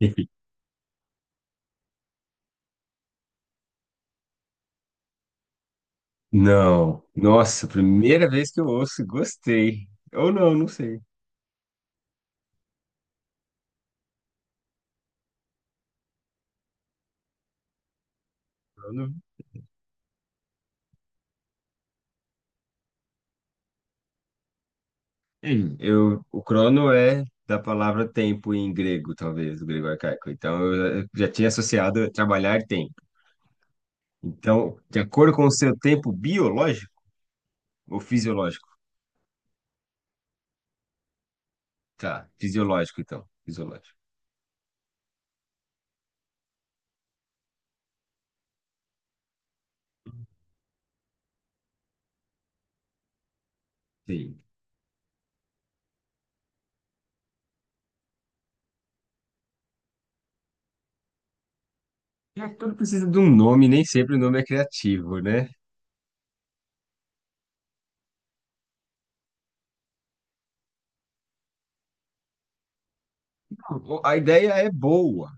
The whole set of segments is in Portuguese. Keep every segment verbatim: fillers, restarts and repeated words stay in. Enfim. Não. Nossa, primeira vez que eu ouço, gostei. Ou não, não sei. Crono- Ei, Eu, o crono é da palavra tempo em grego, talvez, o grego arcaico. Então, eu eu já tinha associado trabalhar tempo. Então, de acordo com o seu tempo biológico ou fisiológico? Tá, fisiológico, então. Fisiológico. Sim. É, tudo precisa de um nome, nem sempre o nome é criativo, né? O- A ideia é boa.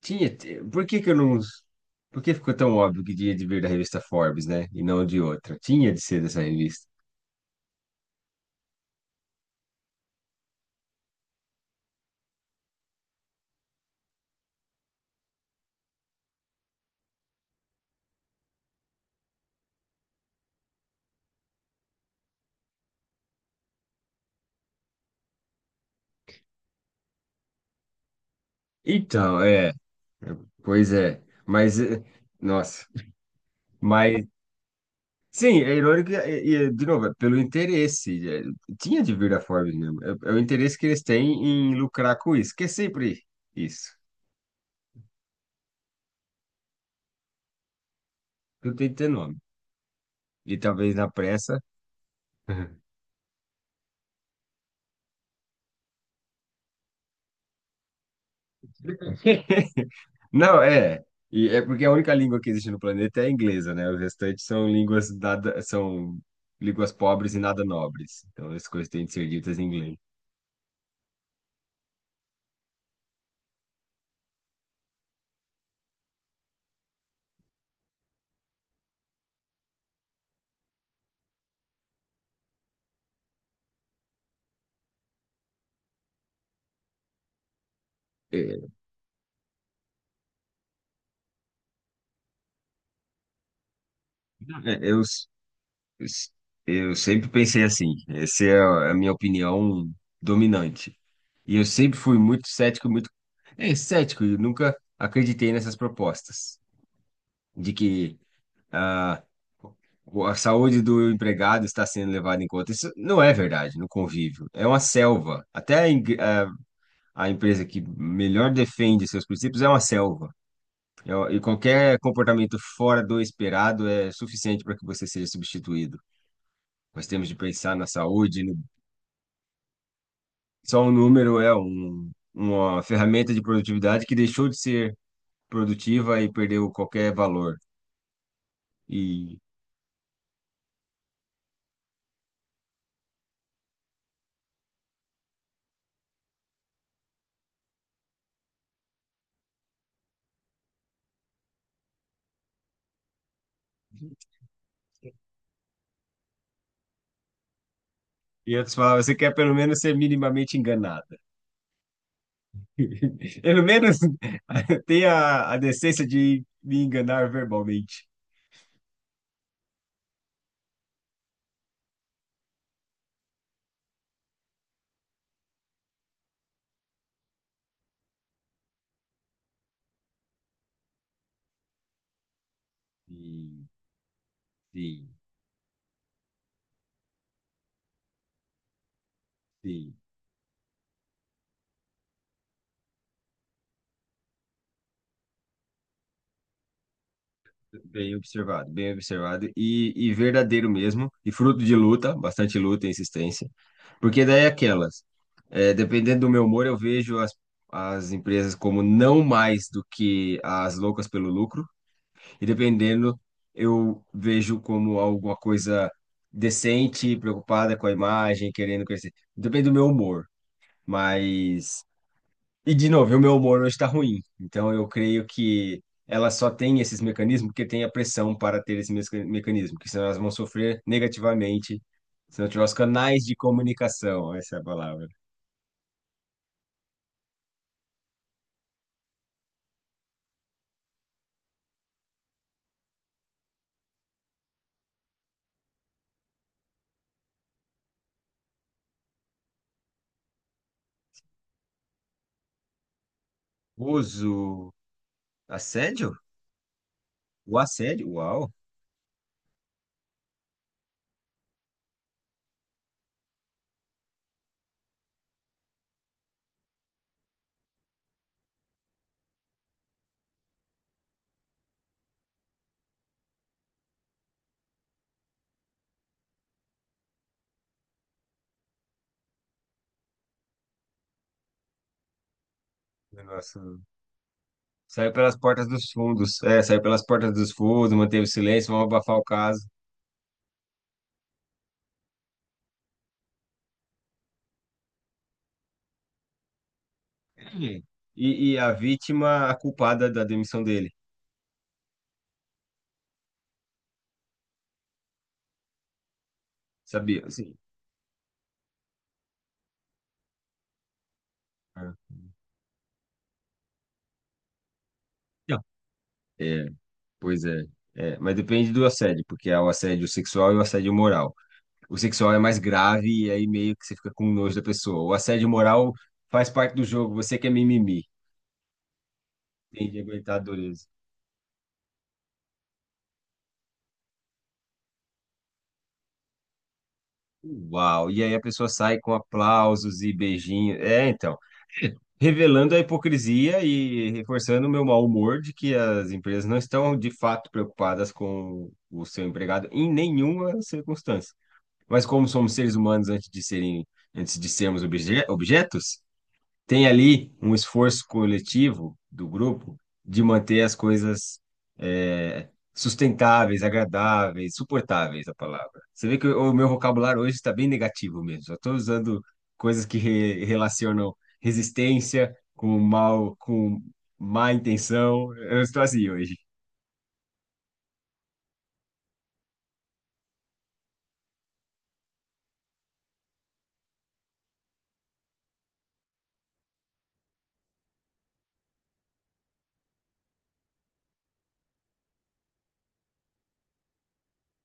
Tinha. te- Por que que eu não. Por que ficou tão óbvio que tinha de vir da revista Forbes, né? E não de outra? Tinha de ser dessa revista. Então, é. Pois é. Mas. é, Nossa. Mas. Sim, é irônico, e, e, de novo, é pelo interesse. É, tinha de vir da Forbes mesmo. É, é o interesse que eles têm em lucrar com isso, que é sempre isso. Tudo tem que ter nome. E talvez na pressa. Não, é. E é porque a única língua que existe no planeta é a inglesa, né? Os restantes são línguas nada, são línguas pobres e nada nobres. Então as coisas têm de ser ditas em inglês. É, é, eu, s- s- eu sempre pensei assim, essa é a a minha opinião dominante. E eu sempre fui muito cético, muito é, cético, e nunca acreditei nessas propostas de que ah, o- a saúde do empregado está sendo levada em conta. Isso não é verdade no convívio. É uma selva. Até a, ing- a- a empresa que melhor defende seus princípios é uma selva. E e qualquer comportamento fora do esperado é suficiente para que você seja substituído. Nós temos de pensar na saúde. No- Só um número é um- uma ferramenta de produtividade que deixou de ser produtiva e perdeu qualquer valor. E, em outras palavras, você quer pelo menos ser minimamente enganado. Pelo menos tem a, a decência de me enganar verbalmente. Sim, sim, sim. Bem observado, bem observado e, e verdadeiro mesmo, e fruto de luta, bastante luta e insistência. Porque daí é aquelas, é, Dependendo do meu humor, eu vejo as, as empresas como não mais do que as loucas pelo lucro, e dependendo, eu vejo como alguma coisa decente, preocupada com a imagem, querendo crescer. Depende do meu humor. Mas. E de novo, o meu humor hoje está ruim. Então eu creio que ela só tem esses mecanismos porque tem a pressão para ter esse mesca- mecanismo, que senão elas vão sofrer negativamente se não tiver os canais de comunicação, essa é a palavra. Uso. Assédio? O assédio? Uau! Nossa. Saiu pelas portas dos fundos. É, saiu pelas portas dos fundos, manteve o silêncio, vão abafar o caso. Hum. E, e a vítima, a culpada da demissão dele. Sabia? Sim. É. Não. Pois é. É, mas depende do assédio, porque há o assédio sexual e o assédio moral. O sexual é mais grave e aí meio que você fica com nojo da pessoa. O assédio moral faz parte do jogo, você que é mimimi, tem de aguentar a dureza. Uau! E aí a pessoa sai com aplausos e beijinhos. É, então, revelando a hipocrisia e reforçando o meu mau humor de que as empresas não estão de fato preocupadas com o seu empregado em nenhuma circunstância. Mas como somos seres humanos antes de serem, antes de sermos obje- objetos, tem ali um esforço coletivo do grupo de manter as coisas é, sustentáveis, agradáveis, suportáveis, a palavra. Você vê que o meu vocabulário hoje está bem negativo mesmo. Só estou usando coisas que re- relacionam resistência com mal, com má intenção. Eu estou assim hoje.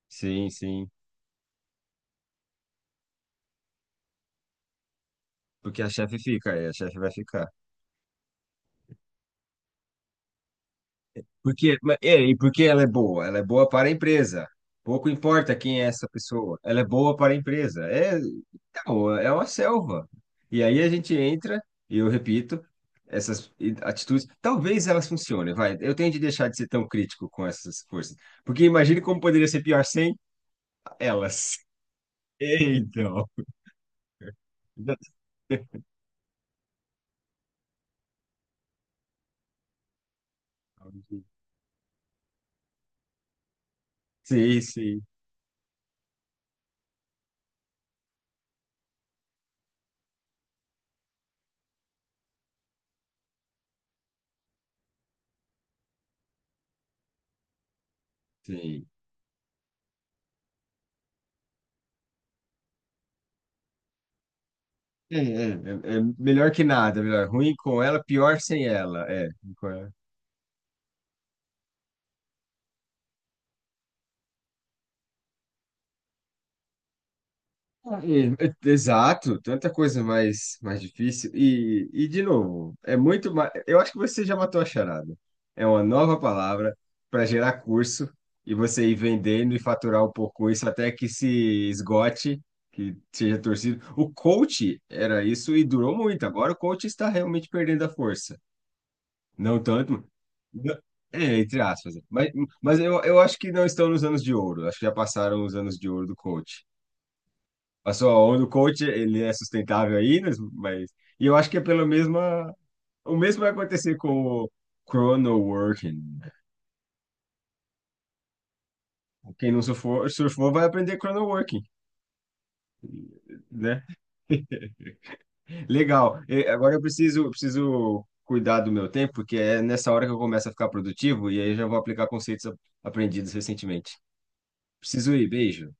Sim, sim. Porque a chefe fica, é, a chefe vai ficar. Porque, ma- é, e porque ela é boa? Ela é boa para a empresa. Pouco importa quem é essa pessoa, ela é boa para a empresa. É, então, é uma selva. E aí a gente entra, e eu repito, essas i- atitudes, talvez elas funcionem, vai. Eu tenho de deixar de ser tão crítico com essas forças. Porque imagine como poderia ser pior sem elas. Então. Sim, sim, sim. É, é, é, é melhor que nada, melhor. Ruim com ela, pior sem ela. É, É, é, Exato, tanta coisa mais, mais difícil. E, e, de novo, é muito mais. Eu acho que você já matou a charada. É uma nova palavra para gerar curso e você ir vendendo e faturar um pouco isso até que se esgote, que seja torcido. O coach era isso e durou muito. Agora o coach está realmente perdendo a força. Não tanto. não- É, entre aspas. Mas, mas eu, eu acho que não estão nos anos de ouro. Acho que já passaram os anos de ouro do coach. A sua onda, o coach, ele é sustentável aí, né? Mas e eu acho que é pelo mesma o mesmo vai acontecer com o chrono working. Quem não surfou, surfou vai aprender chrono working, né? Legal. E agora eu preciso, preciso cuidar do meu tempo, porque é nessa hora que eu começo a ficar produtivo e aí eu já vou aplicar conceitos a- aprendidos recentemente. Preciso ir, beijo.